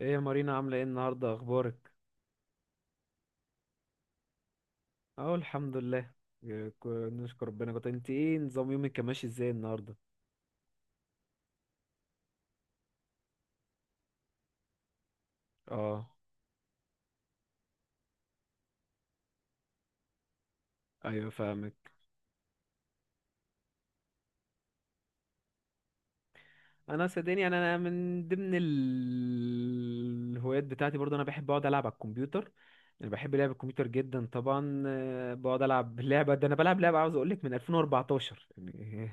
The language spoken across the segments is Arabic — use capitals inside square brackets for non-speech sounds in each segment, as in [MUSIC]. ايه يا مارينا عاملة ايه النهاردة اخبارك؟ اه الحمد لله. إيه، نشكر ربنا. كنت انت ايه نظام يومك كان ماشي ازاي النهاردة؟ اه ايوه فاهمك. انا صدقني يعني انا من ضمن الهوايات بتاعتي برضه انا بحب اقعد العب على الكمبيوتر. انا بحب لعب الكمبيوتر جدا طبعا آه، بقعد العب لعبة ده، انا بلعب لعبة عاوز اقولك من 2014 يعني،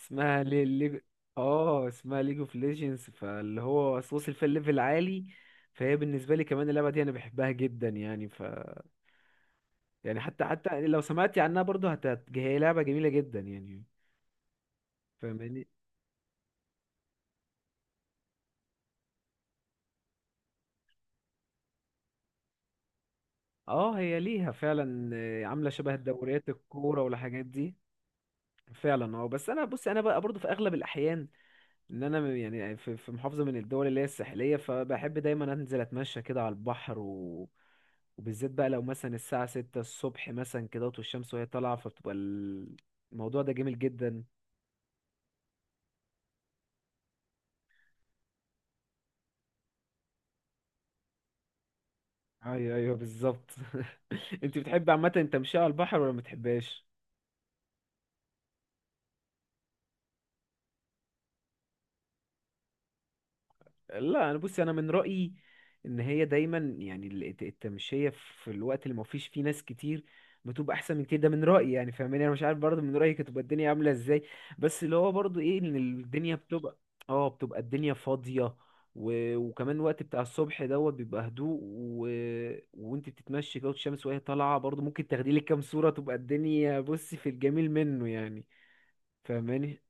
اسمها لي ليجو، اه اسمها ليج اوف ليجندز، فاللي هو أصل وصل فيها الليفل عالي. فهي بالنسبه لي كمان اللعبه دي انا بحبها جدا يعني، ف يعني حتى لو سمعتي عنها برضه هي لعبه جميله جدا يعني، فاهماني؟ اه هي ليها فعلا آه، عامله شبه دوريات الكوره والحاجات دي. فعلا اه. بس انا بص انا بقى برضه في اغلب الاحيان ان انا يعني آه، في محافظه من الدول اللي هي الساحليه، فبحب دايما انزل اتمشى كده على البحر وبالذات بقى لو مثلا الساعه ستة الصبح مثلا كده والشمس وهي طالعه، فبتبقى الموضوع ده جميل جدا. ايوه ايوه بالظبط. [LAUGHS] انت بتحب عامه التمشية على البحر ولا ما بتحبهاش؟ لا انا بصي، انا من رأيي ان هي دايما يعني التمشية في الوقت اللي ما فيش فيه ناس كتير بتبقى احسن من كتير ده، من رأيي يعني، فاهماني؟ انا مش عارف برضه من رأيك هتبقى الدنيا عاملة ازاي. بس اللي هو برضه ايه ان الدنيا بتبقى، اه بتبقى الدنيا فاضية، وكمان الوقت بتاع الصبح دوت بيبقى هدوء وانت بتتمشي كده والشمس وهي طالعة، برضه ممكن تاخدي لك كام صورة، تبقى الدنيا بصي في الجميل منه يعني، فاهماني؟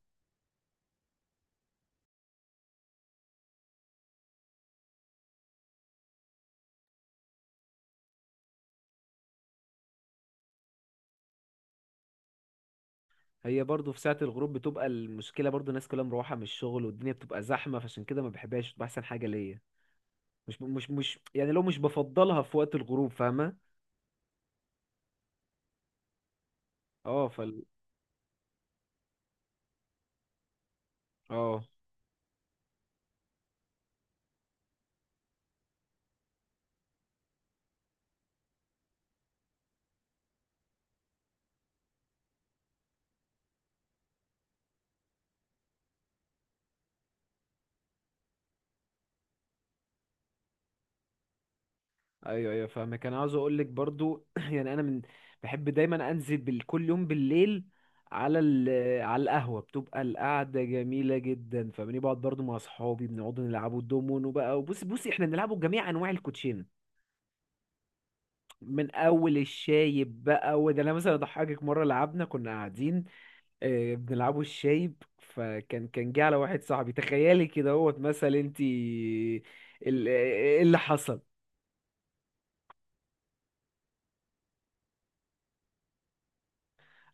هي برضو في ساعة الغروب بتبقى المشكلة برضو الناس كلها مروحة من الشغل والدنيا بتبقى زحمة، فعشان كده ما بحبهاش، بتبقى أحسن حاجة ليا. مش يعني لو مش بفضلها في وقت الغروب، فاهمة؟ اه فال اه. ايوه ايوه فاهمة. كان عاوز اقول لك برضو [CLEARS THROAT] يعني انا من، بحب دايما انزل كل يوم بالليل على على القهوة، بتبقى القعدة جميلة جدا، فاهماني؟ بقعد برضو مع اصحابي، بنقعد نلعبوا الدومون وبقى وبصي بصي احنا بنلعبوا جميع انواع الكوتشين، من اول الشايب بقى. وده انا مثلا اضحكك مره، لعبنا كنا قاعدين آه، بنلعبوا الشايب، فكان كان جه على واحد صاحبي، تخيلي كده اهوت مثلا انت ايه اللي حصل.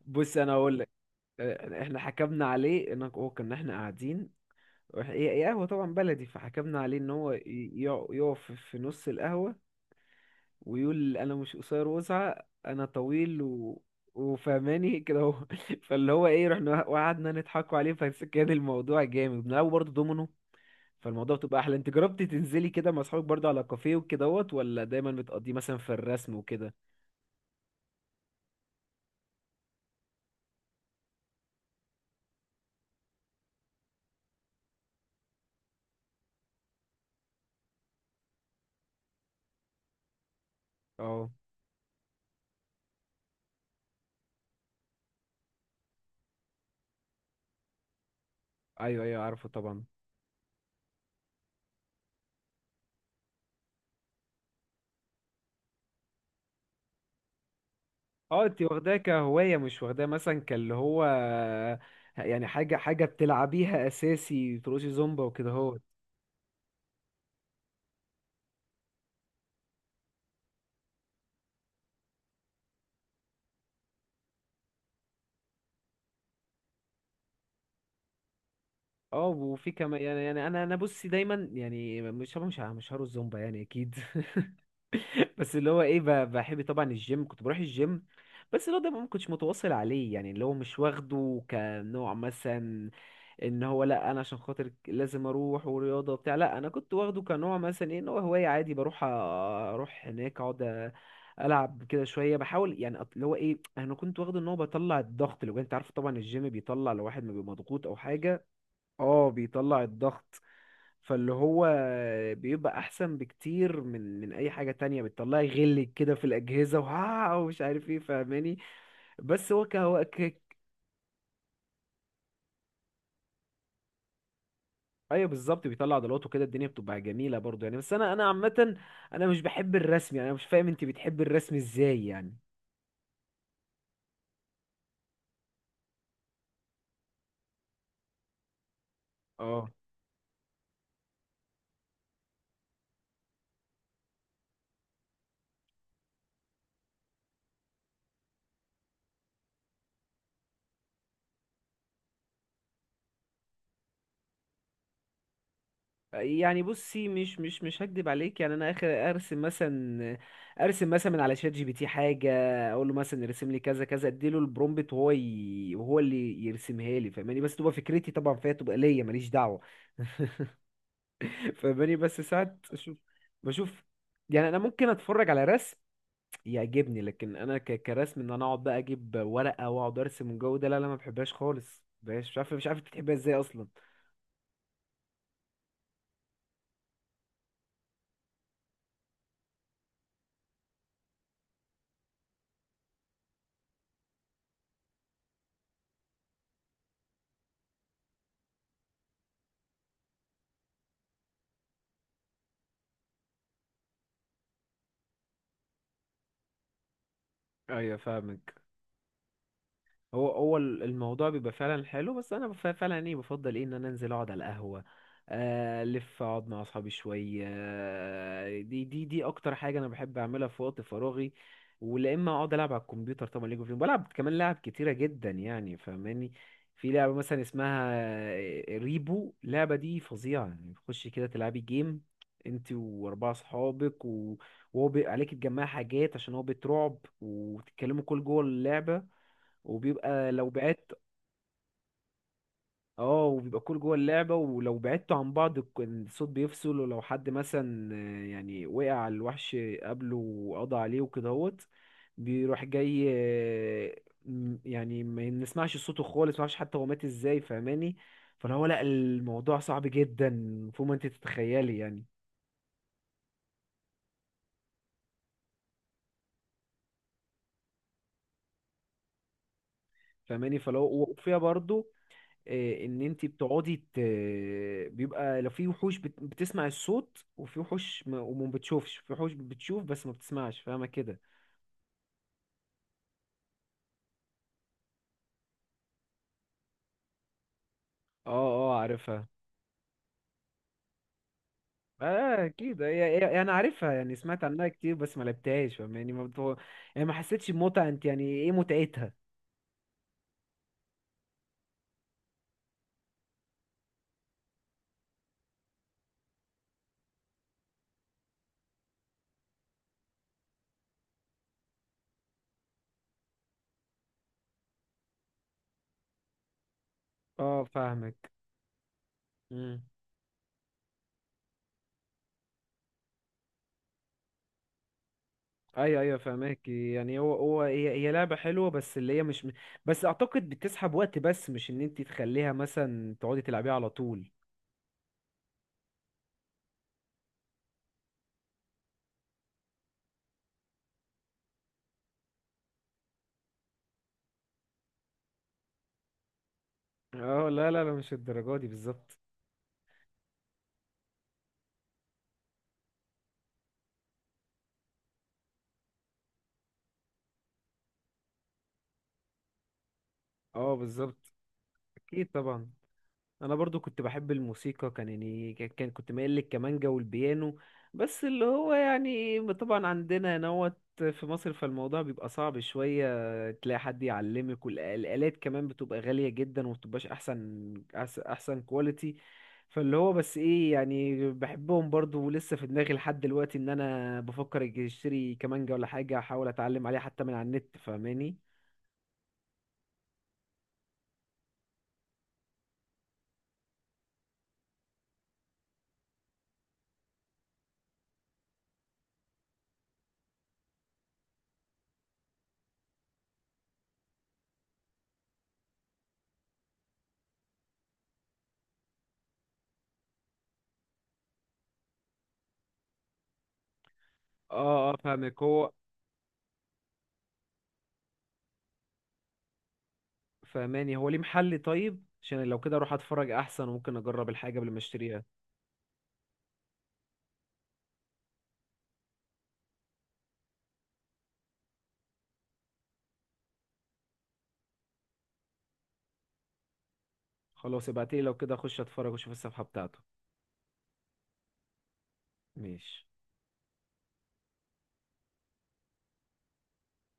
بص انا اقول لك، آه، احنا حكمنا عليه ان هو كنا احنا قاعدين، هي قهوه طبعا بلدي، فحكمنا عليه ان هو يقف في نص القهوه ويقول انا مش قصير وسعة انا طويل وفهماني كده هو [LAUGHS] فاللي هو ايه رحنا وقعدنا نضحكوا عليه، فكان الموضوع جامد. بنلعبوا برضه دومينو، فالموضوع بتبقى احلى. انت جربتي تنزلي كده مع اصحابك برضه على كافيه وكدهوت ولا دايما بتقضيه مثلا في الرسم وكده؟ اه ايوه ايوه عارفه طبعا. اه انت واخداها كهوايه مش واخداها مثلا كاللي هو يعني حاجه بتلعبيها اساسي تروشي زومبا وكده؟ اه وفي كمان يعني يعني انا بصي دايما يعني مش هارو الزومبا يعني اكيد [LAUGHS] بس اللي هو ايه بحب طبعا الجيم، كنت بروح الجيم، بس اللي هو ده ما كنتش متواصل عليه، يعني اللي هو مش واخده كنوع مثلا ان هو لا انا عشان خاطر لازم اروح ورياضه وبتاع، لا انا كنت واخده كنوع مثلا ايه ان هو هوايه عادي، بروح اروح هناك اقعد العب كده شويه، بحاول يعني اللي هو ايه انا كنت واخده ان هو بطلع الضغط اللي جوايا. انت عارف طبعا الجيم بيطلع، لو واحد ما بيبقى مضغوط او حاجه، اه بيطلع الضغط، فاللي هو بيبقى احسن بكتير من اي حاجه تانية، بتطلعي غل كده في الاجهزه وها ومش عارف ايه، فاهماني؟ بس هو ك ايوه بالظبط، بيطلع عضلات وكده الدنيا بتبقى جميله برضو يعني. بس انا انا عامه انا مش بحب الرسم يعني، انا مش فاهم انت بتحب الرسم ازاي يعني. اه يعني بصي مش هكدب عليك يعني، انا اخر ارسم مثلا ارسم مثلا من على شات جي بي تي حاجه، اقول له مثلا ارسم لي كذا كذا، اديله البرومبت وهو وهو اللي يرسمها لي، فاهماني؟ بس تبقى فكرتي طبعا فيها، تبقى ليا ماليش دعوه [LAUGHS] فاهماني؟ بس ساعات اشوف بشوف، يعني انا ممكن اتفرج على رسم يعجبني، لكن انا كرسم ان انا اقعد بقى اجيب ورقه واقعد ارسم والجو ده، لا لا ما بحبهاش خالص، مبحبهاش. مش عارف مش عارف انت بتحبها ازاي اصلا. ايوه فاهمك. هو الموضوع بيبقى فعلا حلو، بس انا فعلا ايه بفضل ايه ان انا انزل اقعد على القهوه آه، الف اقعد مع اصحابي شويه آه، دي اكتر حاجه انا بحب اعملها في وقت فراغي، ولا اما اقعد العب على الكمبيوتر طبعا ليجو اوف، بلعب كمان لعب كتيره جدا يعني، فاهماني؟ في لعبه مثلا اسمها آه، ريبو، اللعبه دي فظيعه يعني، بتخشي كده تلعبي جيم انت واربعه اصحابك وهو عليك تجمعي حاجات، عشان هو بيت رعب، وتتكلموا كل جوه اللعبه، وبيبقى لو بعدت، اه وبيبقى كل جوه اللعبة، ولو بعدتوا عن بعض الصوت بيفصل، ولو حد مثلا آه، يعني وقع على الوحش قبله وقضى عليه وكدهوت، بيروح جاي آه، يعني ما نسمعش صوته خالص، ما نعرفش حتى هو مات ازاي، فاهماني؟ فلو هو لا الموضوع صعب جدا فوق ما انت تتخيلي يعني. فاهماني؟ فلو وفيها برضو آه، ان انت بيبقى لو في وحوش بتسمع الصوت، وفي وحوش ما... وما بتشوفش، في وحوش بتشوف بس ما بتسمعش، فاهمه كده؟ اه اه عارفها. اه اكيد انا عارفها يعني، سمعت عنها كتير بس ما لعبتهاش، فاهمة؟ يعني ما بتو... يعني ما حسيتش بمتعه، انت يعني ايه متعتها؟ اه فاهمك. امم ايوه ايوه فاهمك يعني هو هو هي هي لعبه حلوه، بس اللي هي مش، بس اعتقد بتسحب وقت بس مش ان انت تخليها مثلا تقعدي تلعبيها على طول. اه لا لا لا مش الدرجة دي بالظبط. اه بالظبط اكيد طبعا. انا برضو كنت بحب الموسيقى، كان يعني كان كنت مايل للكمانجا والبيانو، بس اللي هو يعني طبعا عندنا نوت في مصر، فالموضوع بيبقى صعب شوية، تلاقي حد يعلمك، والآلات كمان بتبقى غالية جدا ومبتبقاش أحسن أحسن كواليتي. فاللي هو بس إيه، يعني بحبهم برضو، ولسه في دماغي لحد دلوقتي إن أنا بفكر أجي أشتري كمانجا ولا حاجة، أحاول أتعلم عليها حتى من على النت، فاهماني؟ اه اه فاهمك هو. فاهماني؟ هو ليه محل؟ طيب عشان لو كده اروح اتفرج احسن، وممكن اجرب الحاجه قبل ما اشتريها. خلاص ابعتيلي، لو كده اخش اتفرج واشوف الصفحه بتاعته. ماشي.